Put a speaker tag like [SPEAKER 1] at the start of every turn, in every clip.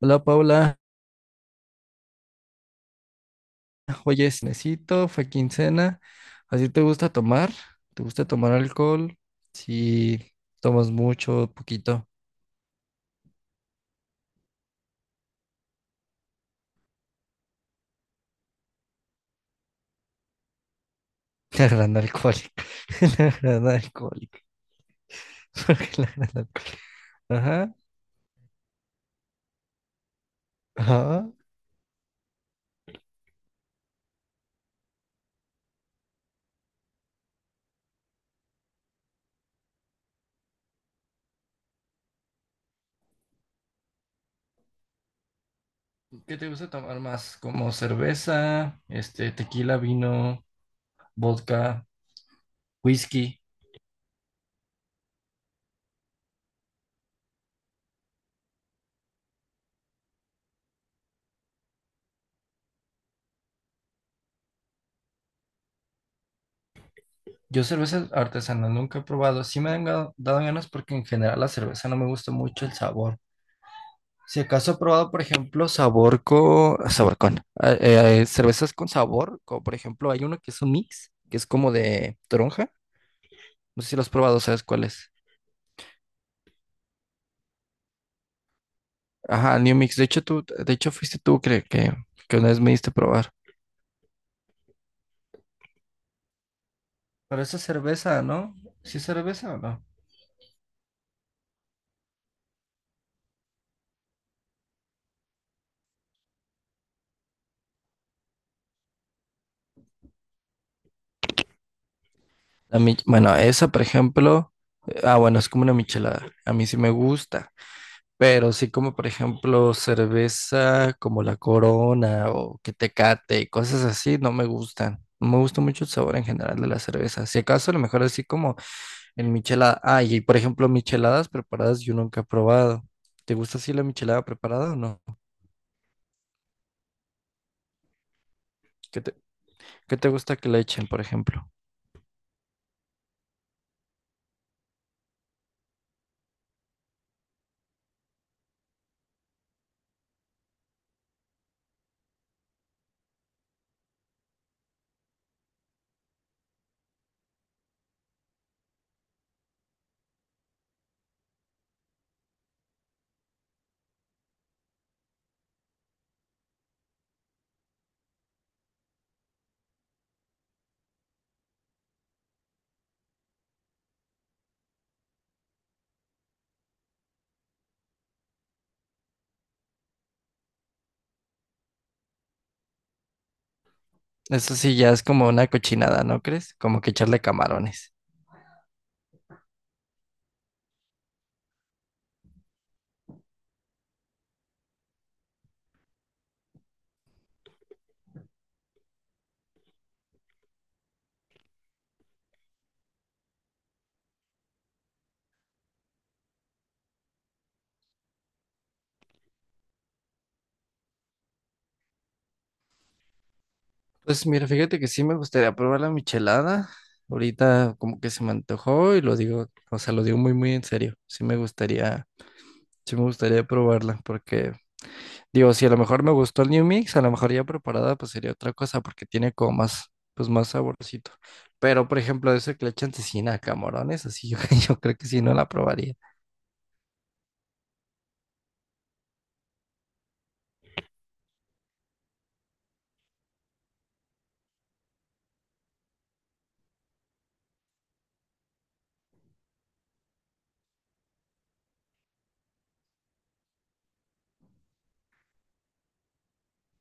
[SPEAKER 1] Hola Paula, oye, necesito, fue quincena, ¿así te gusta tomar? ¿Te gusta tomar alcohol? Si tomas mucho, poquito, la gran alcohólica, la gran alcohólica, porque la gran alcohólica. Ajá, ajá. ¿Qué te gusta tomar más? Como cerveza, este, tequila, vino, vodka, whisky. Yo cerveza artesanal nunca he probado, sí me han dado ganas porque en general la cerveza no me gusta mucho el sabor. Si acaso he probado, por ejemplo, cervezas con sabor, como por ejemplo, hay uno que es un mix, que es como de toronja. No sé si lo has probado, ¿sabes cuál es? Ajá, New Mix. De hecho, fuiste tú que una vez me diste a probar. Pero esa es cerveza, ¿no? ¿Sí es cerveza o no? Bueno, esa, por ejemplo. Ah, bueno, es como una michelada. A mí sí me gusta. Pero sí como por ejemplo cerveza como la Corona o que Tecate y cosas así no me gustan. No me gusta mucho el sabor en general de la cerveza. Si acaso a lo mejor así como en michelada. Ah, y por ejemplo micheladas preparadas yo nunca he probado. ¿Te gusta así la michelada preparada o no? ¿Qué te- ¿Qué te gusta que le echen, por ejemplo? Eso sí ya es como una cochinada, ¿no crees? Como que echarle camarones. Pues mira, fíjate que sí me gustaría probar la michelada. Ahorita como que se me antojó y lo digo, o sea, lo digo muy, muy en serio. Sí me gustaría probarla porque digo, si a lo mejor me gustó el New Mix, a lo mejor ya preparada, pues sería otra cosa, porque tiene como más, pues más saborcito. Pero, por ejemplo, eso que le echan cecina a camarones, así yo, yo creo que sí no la probaría.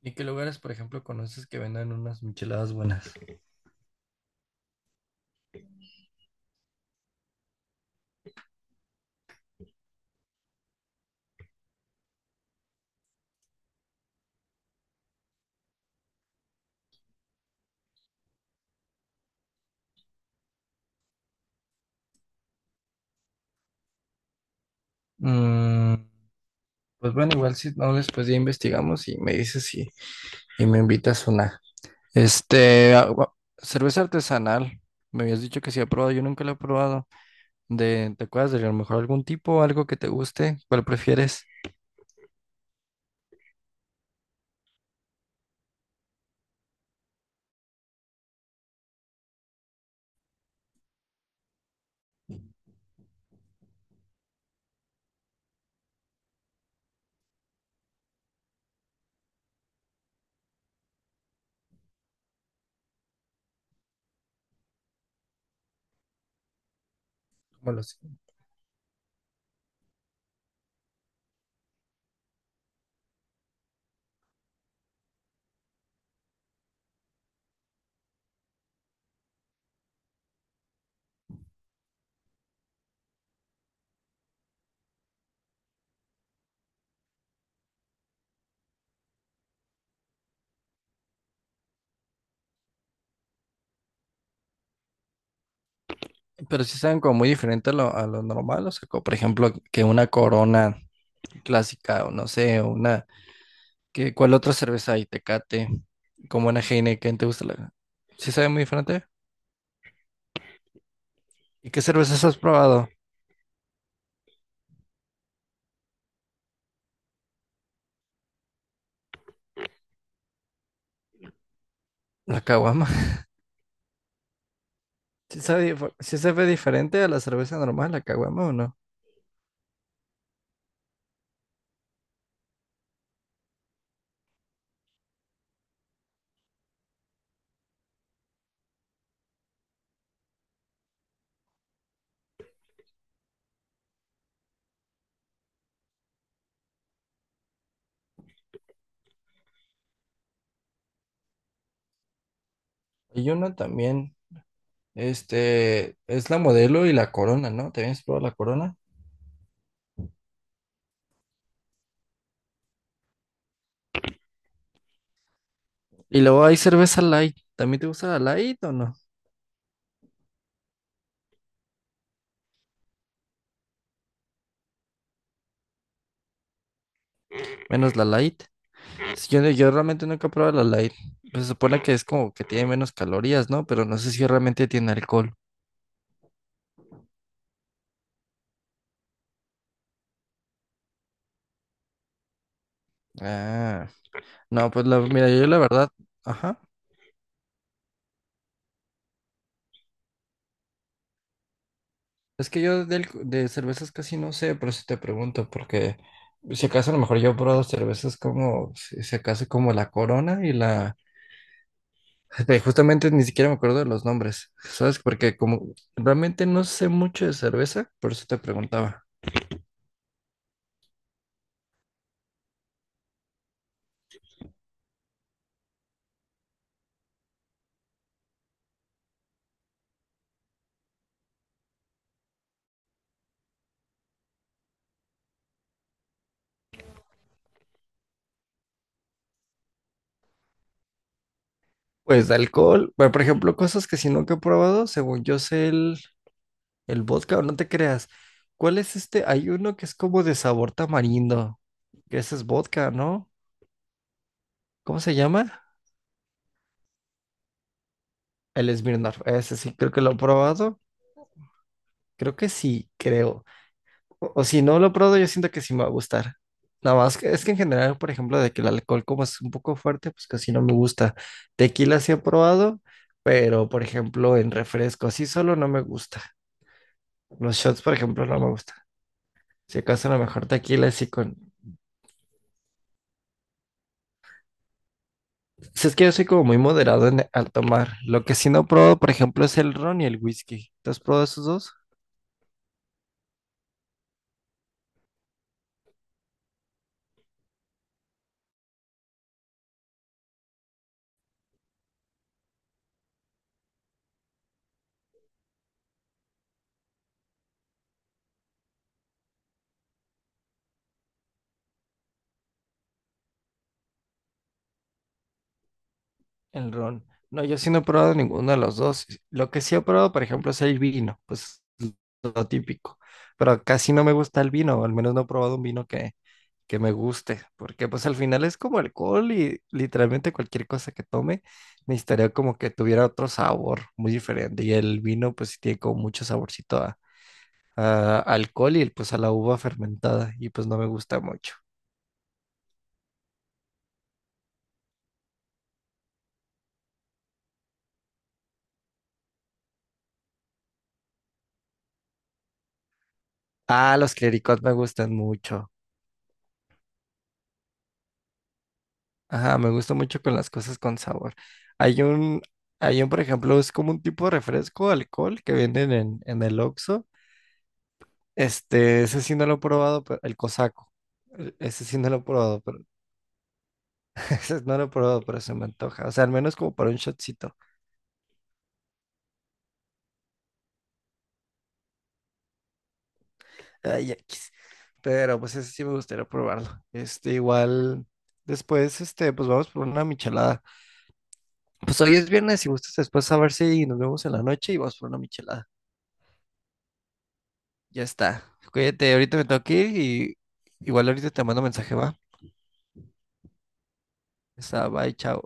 [SPEAKER 1] ¿Y qué lugares, por ejemplo, conoces que vendan unas micheladas buenas? Mm, pues bueno, igual si no, después ya investigamos y me dices si y me invitas una. Este, cerveza artesanal. Me habías dicho que sí he probado, yo nunca la he probado. ¿Te acuerdas de a lo mejor algún tipo, algo que te guste? ¿Cuál prefieres? Pero sí saben como muy diferente a lo, normal, o sea, como por ejemplo, que una Corona clásica, o no sé, una, qué ¿cuál otra cerveza hay? Tecate, como una Heineken, ¿te gusta la? ¿Sí sabe muy diferente? ¿Y qué cervezas has probado? La caguama. ¿Sí sabe diferente a la cerveza normal, la caguama o no? Y una también, este, es la modelo y la Corona, ¿no? ¿También has probado la Corona? Y luego hay cerveza light, ¿también te gusta la light o no? Menos la light. Sí, yo, no, yo realmente nunca he probado la light. Pues se supone que es como que tiene menos calorías, ¿no? Pero no sé si realmente tiene alcohol. Ah, no, pues mira, yo la verdad, ajá. Es que yo de cervezas casi no sé, por eso te pregunto, porque si acaso a lo mejor yo he probado cervezas como, si acaso como la Corona y la. Justamente ni siquiera me acuerdo de los nombres, ¿sabes? Porque como realmente no sé mucho de cerveza, por eso te preguntaba. Pues de alcohol, bueno, por ejemplo, cosas que si nunca he probado, según yo sé el vodka, no te creas. ¿Cuál es este? Hay uno que es como de sabor tamarindo. Que ese es vodka, ¿no? ¿Cómo se llama? El Smirnoff. Ese sí, creo que lo he probado. Creo que sí, creo. O si no lo he probado, yo siento que sí me va a gustar. Nada más que es que en general, por ejemplo, de que el alcohol como es un poco fuerte, pues casi no me gusta. Tequila sí he probado, pero por ejemplo en refresco, así solo no me gusta. Los shots, por ejemplo, no me gusta. Si acaso a lo mejor tequila sí con, si es que yo soy como muy moderado al tomar. Lo que sí no pruebo, por ejemplo, es el ron y el whisky. ¿Tú has probado esos dos? El ron. No, yo sí no he probado ninguno de los dos. Lo que sí he probado, por ejemplo, es el vino, pues lo típico. Pero casi no me gusta el vino, o al menos no he probado un vino que me guste, porque pues al final es como alcohol y literalmente cualquier cosa que tome necesitaría como que tuviera otro sabor muy diferente. Y el vino pues sí tiene como mucho saborcito a alcohol y pues a la uva fermentada y pues no me gusta mucho. Ah, los clericots me gustan mucho. Ajá, me gusta mucho con las cosas con sabor. Hay un, hay un, por ejemplo, es como un tipo de refresco, alcohol que venden en, el Oxxo. Este, ese sí no lo he probado, pero el cosaco. Ese sí no lo he probado, pero ese no lo he probado, pero se me antoja. O sea, al menos como para un shotcito. Ay, X. Pero pues ese sí me gustaría probarlo. Este, igual, después, este, pues vamos por una michelada. Pues hoy es viernes y gustas después a saber si nos vemos en la noche y vamos por una michelada. Ya está. Cuídate, ahorita me tengo que ir y igual ahorita te mando mensaje, va. Ya está, bye, chao.